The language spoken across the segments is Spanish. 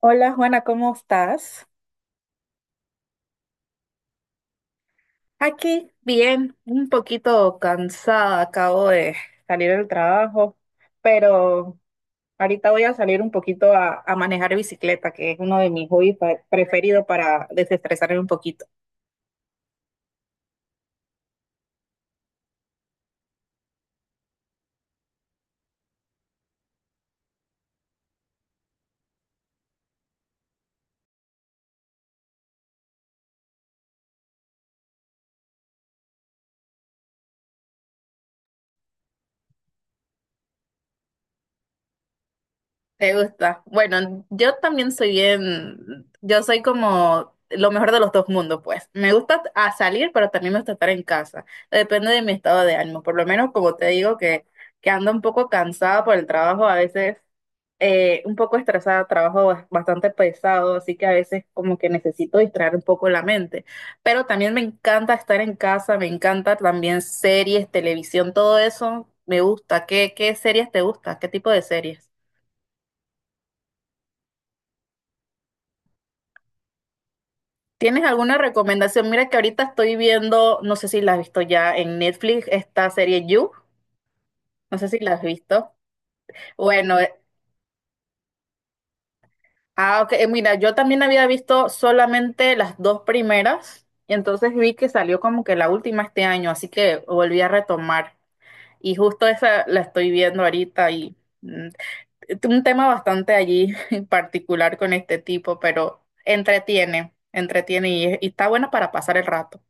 Hola Juana, ¿cómo estás? Aquí, bien, un poquito cansada, acabo de salir del trabajo, pero ahorita voy a salir un poquito a manejar bicicleta, que es uno de mis hobbies preferidos para desestresarme un poquito. ¿Te gusta? Bueno, yo también soy bien, yo soy como lo mejor de los dos mundos, pues. Me gusta a salir, pero también me gusta estar en casa. Depende de mi estado de ánimo, por lo menos como te digo que ando un poco cansada por el trabajo a veces. Un poco estresada, trabajo bastante pesado, así que a veces como que necesito distraer un poco la mente. Pero también me encanta estar en casa, me encanta también series, televisión, todo eso me gusta. ¿Qué series te gusta? ¿Qué tipo de series? ¿Tienes alguna recomendación? Mira que ahorita estoy viendo, no sé si la has visto ya en Netflix, esta serie You, no sé si la has visto. Bueno, ah, ok. Mira, yo también había visto solamente las dos primeras y entonces vi que salió como que la última este año, así que volví a retomar y justo esa la estoy viendo ahorita y mm, un tema bastante allí en particular con este tipo, pero entretiene, entretiene y, y está bueno para pasar el rato.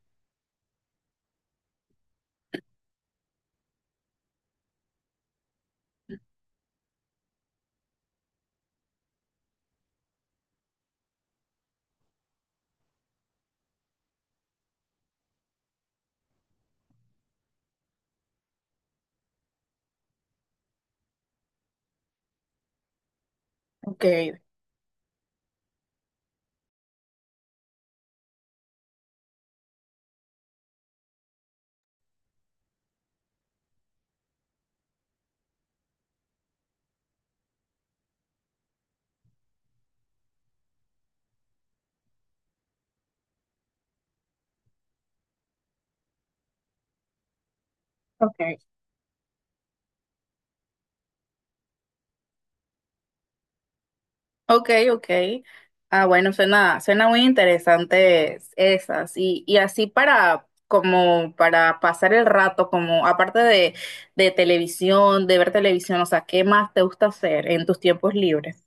Ok, ok. Ok, ok. Ah, bueno, suena muy interesante esas. Y así para, como para pasar el rato, como aparte de televisión, de ver televisión, o sea, ¿qué más te gusta hacer en tus tiempos libres?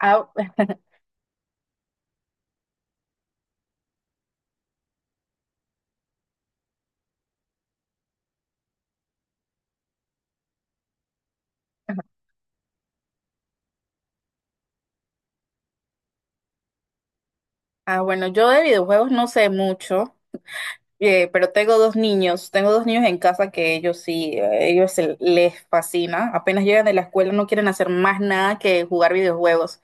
Ah, ah, bueno, yo de videojuegos no sé mucho, pero tengo dos niños en casa que ellos sí, ellos les fascina. Apenas llegan de la escuela no quieren hacer más nada que jugar videojuegos.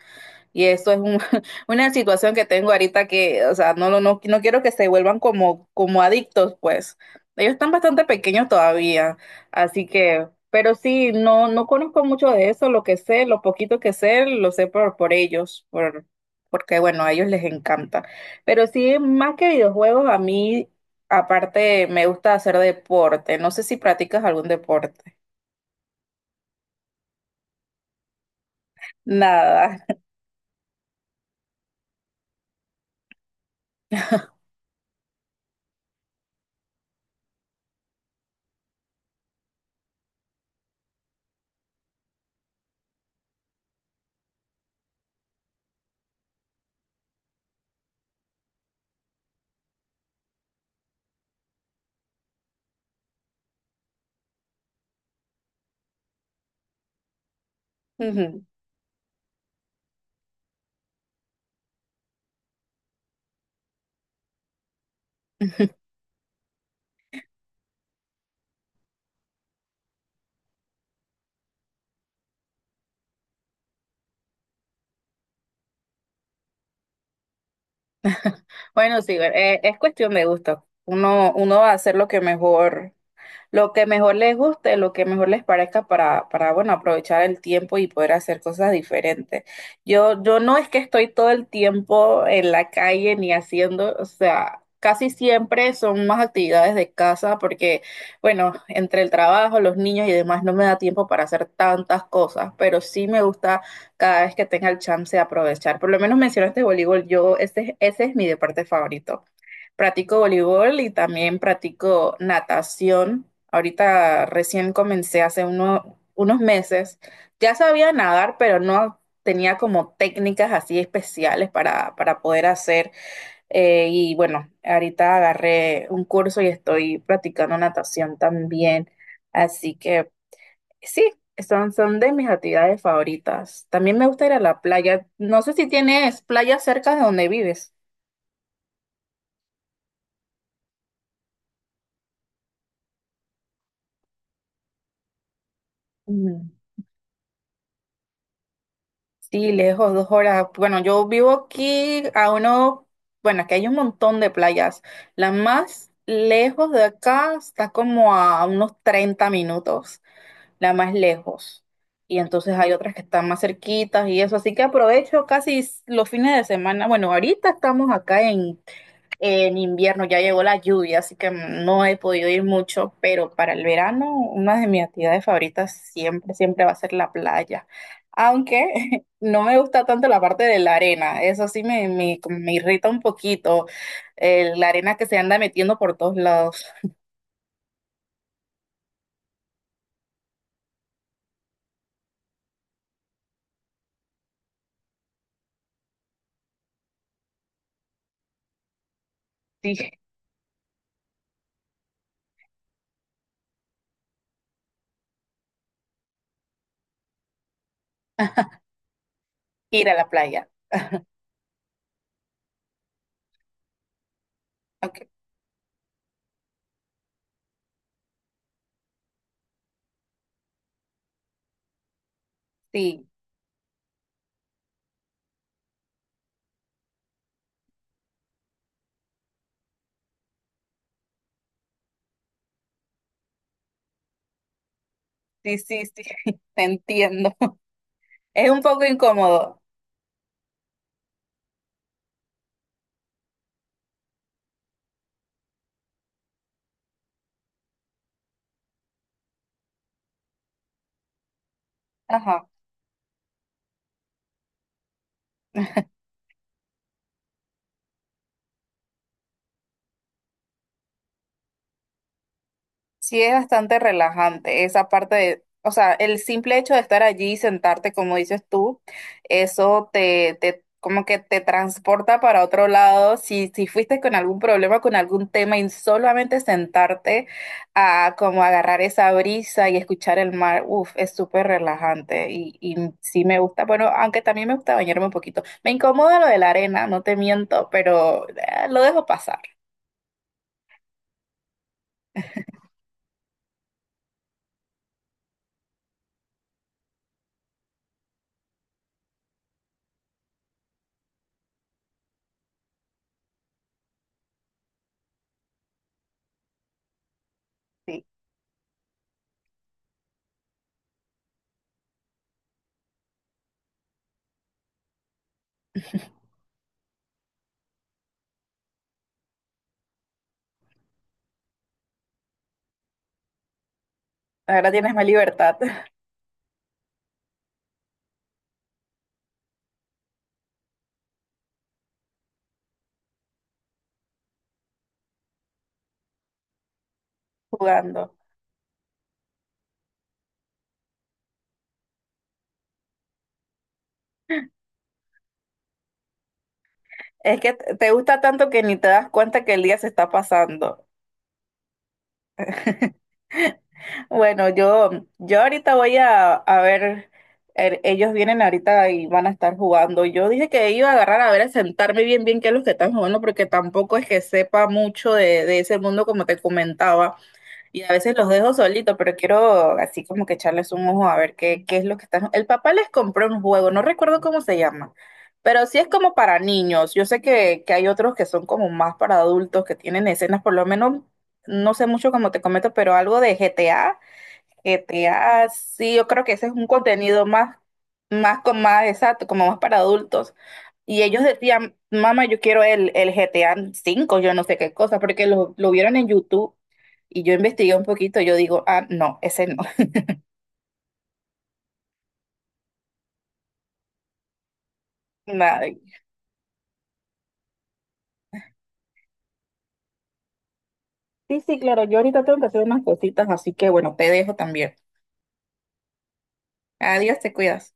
Y eso es una situación que tengo ahorita que, o sea, no, no, no quiero que se vuelvan como adictos, pues. Ellos están bastante pequeños todavía, así que, pero sí, no, no conozco mucho de eso, lo que sé, lo poquito que sé, lo sé por ellos, porque, bueno, a ellos les encanta. Pero sí, más que videojuegos, a mí, aparte, me gusta hacer deporte. No sé si practicas algún deporte. Nada. Bueno, sí, es cuestión de gusto. Uno va a hacer lo que mejor les guste, lo que mejor les parezca para, bueno, aprovechar el tiempo y poder hacer cosas diferentes. Yo no es que estoy todo el tiempo en la calle ni haciendo, o sea, casi siempre son más actividades de casa porque, bueno, entre el trabajo, los niños y demás no me da tiempo para hacer tantas cosas, pero sí me gusta cada vez que tenga el chance de aprovechar. Por lo menos mencionaste voleibol, yo, ese es mi deporte favorito. Practico voleibol y también practico natación. Ahorita recién comencé hace unos meses. Ya sabía nadar, pero no tenía como técnicas así especiales para, poder hacer. Y bueno, ahorita agarré un curso y estoy practicando natación también. Así que sí, son, son de mis actividades favoritas. También me gusta ir a la playa. No sé si tienes playa cerca de donde vives. Mm. Sí, lejos, 2 horas. Bueno, yo vivo aquí a uno, bueno, aquí hay un montón de playas. La más lejos de acá está como a unos 30 minutos, la más lejos. Y entonces hay otras que están más cerquitas y eso. Así que aprovecho casi los fines de semana. Bueno, ahorita estamos acá en invierno ya llegó la lluvia, así que no he podido ir mucho, pero para el verano una de mis actividades favoritas siempre, siempre va a ser la playa. Aunque no me gusta tanto la parte de la arena, eso sí como me irrita un poquito, la arena que se anda metiendo por todos lados. Sí, ir a la playa. Ok. Sí, sí, sí, sí, te entiendo. Es un poco incómodo. Sí, es bastante relajante esa parte de, o sea, el simple hecho de estar allí y sentarte, como dices tú, eso te como que te transporta para otro lado. Si, si fuiste con algún problema, con algún tema, y solamente sentarte a como agarrar esa brisa y escuchar el mar, uff, es súper relajante y sí me gusta. Bueno, aunque también me gusta bañarme un poquito. Me incomoda lo de la arena, no te miento, pero lo dejo pasar. Sí, ahora tienes más libertad. Jugando. Es que te te gusta tanto que ni te das cuenta que el día se está pasando. Bueno, yo, ahorita voy a ver, ellos vienen ahorita y van a estar jugando. Yo dije que iba a agarrar a ver, a sentarme bien qué es lo que están jugando, porque tampoco es que sepa mucho de ese mundo como te comentaba. Y a veces los dejo solitos, pero quiero así como que echarles un ojo a ver qué es lo que están. El papá les compró un juego, no recuerdo cómo se llama, pero sí es como para niños. Yo sé que hay otros que son como más para adultos, que tienen escenas, por lo menos, no sé mucho como te comento, pero algo de GTA. GTA, sí, yo creo que ese es un contenido más, más exacto, como más para adultos. Y ellos decían, mamá, yo quiero el GTA 5, yo no sé qué cosa, porque lo vieron en YouTube y yo investigué un poquito, yo digo, ah, no, ese no. Nada. Sí, sí, claro, yo ahorita tengo que hacer unas cositas, así que bueno, te dejo también. Adiós, te cuidas.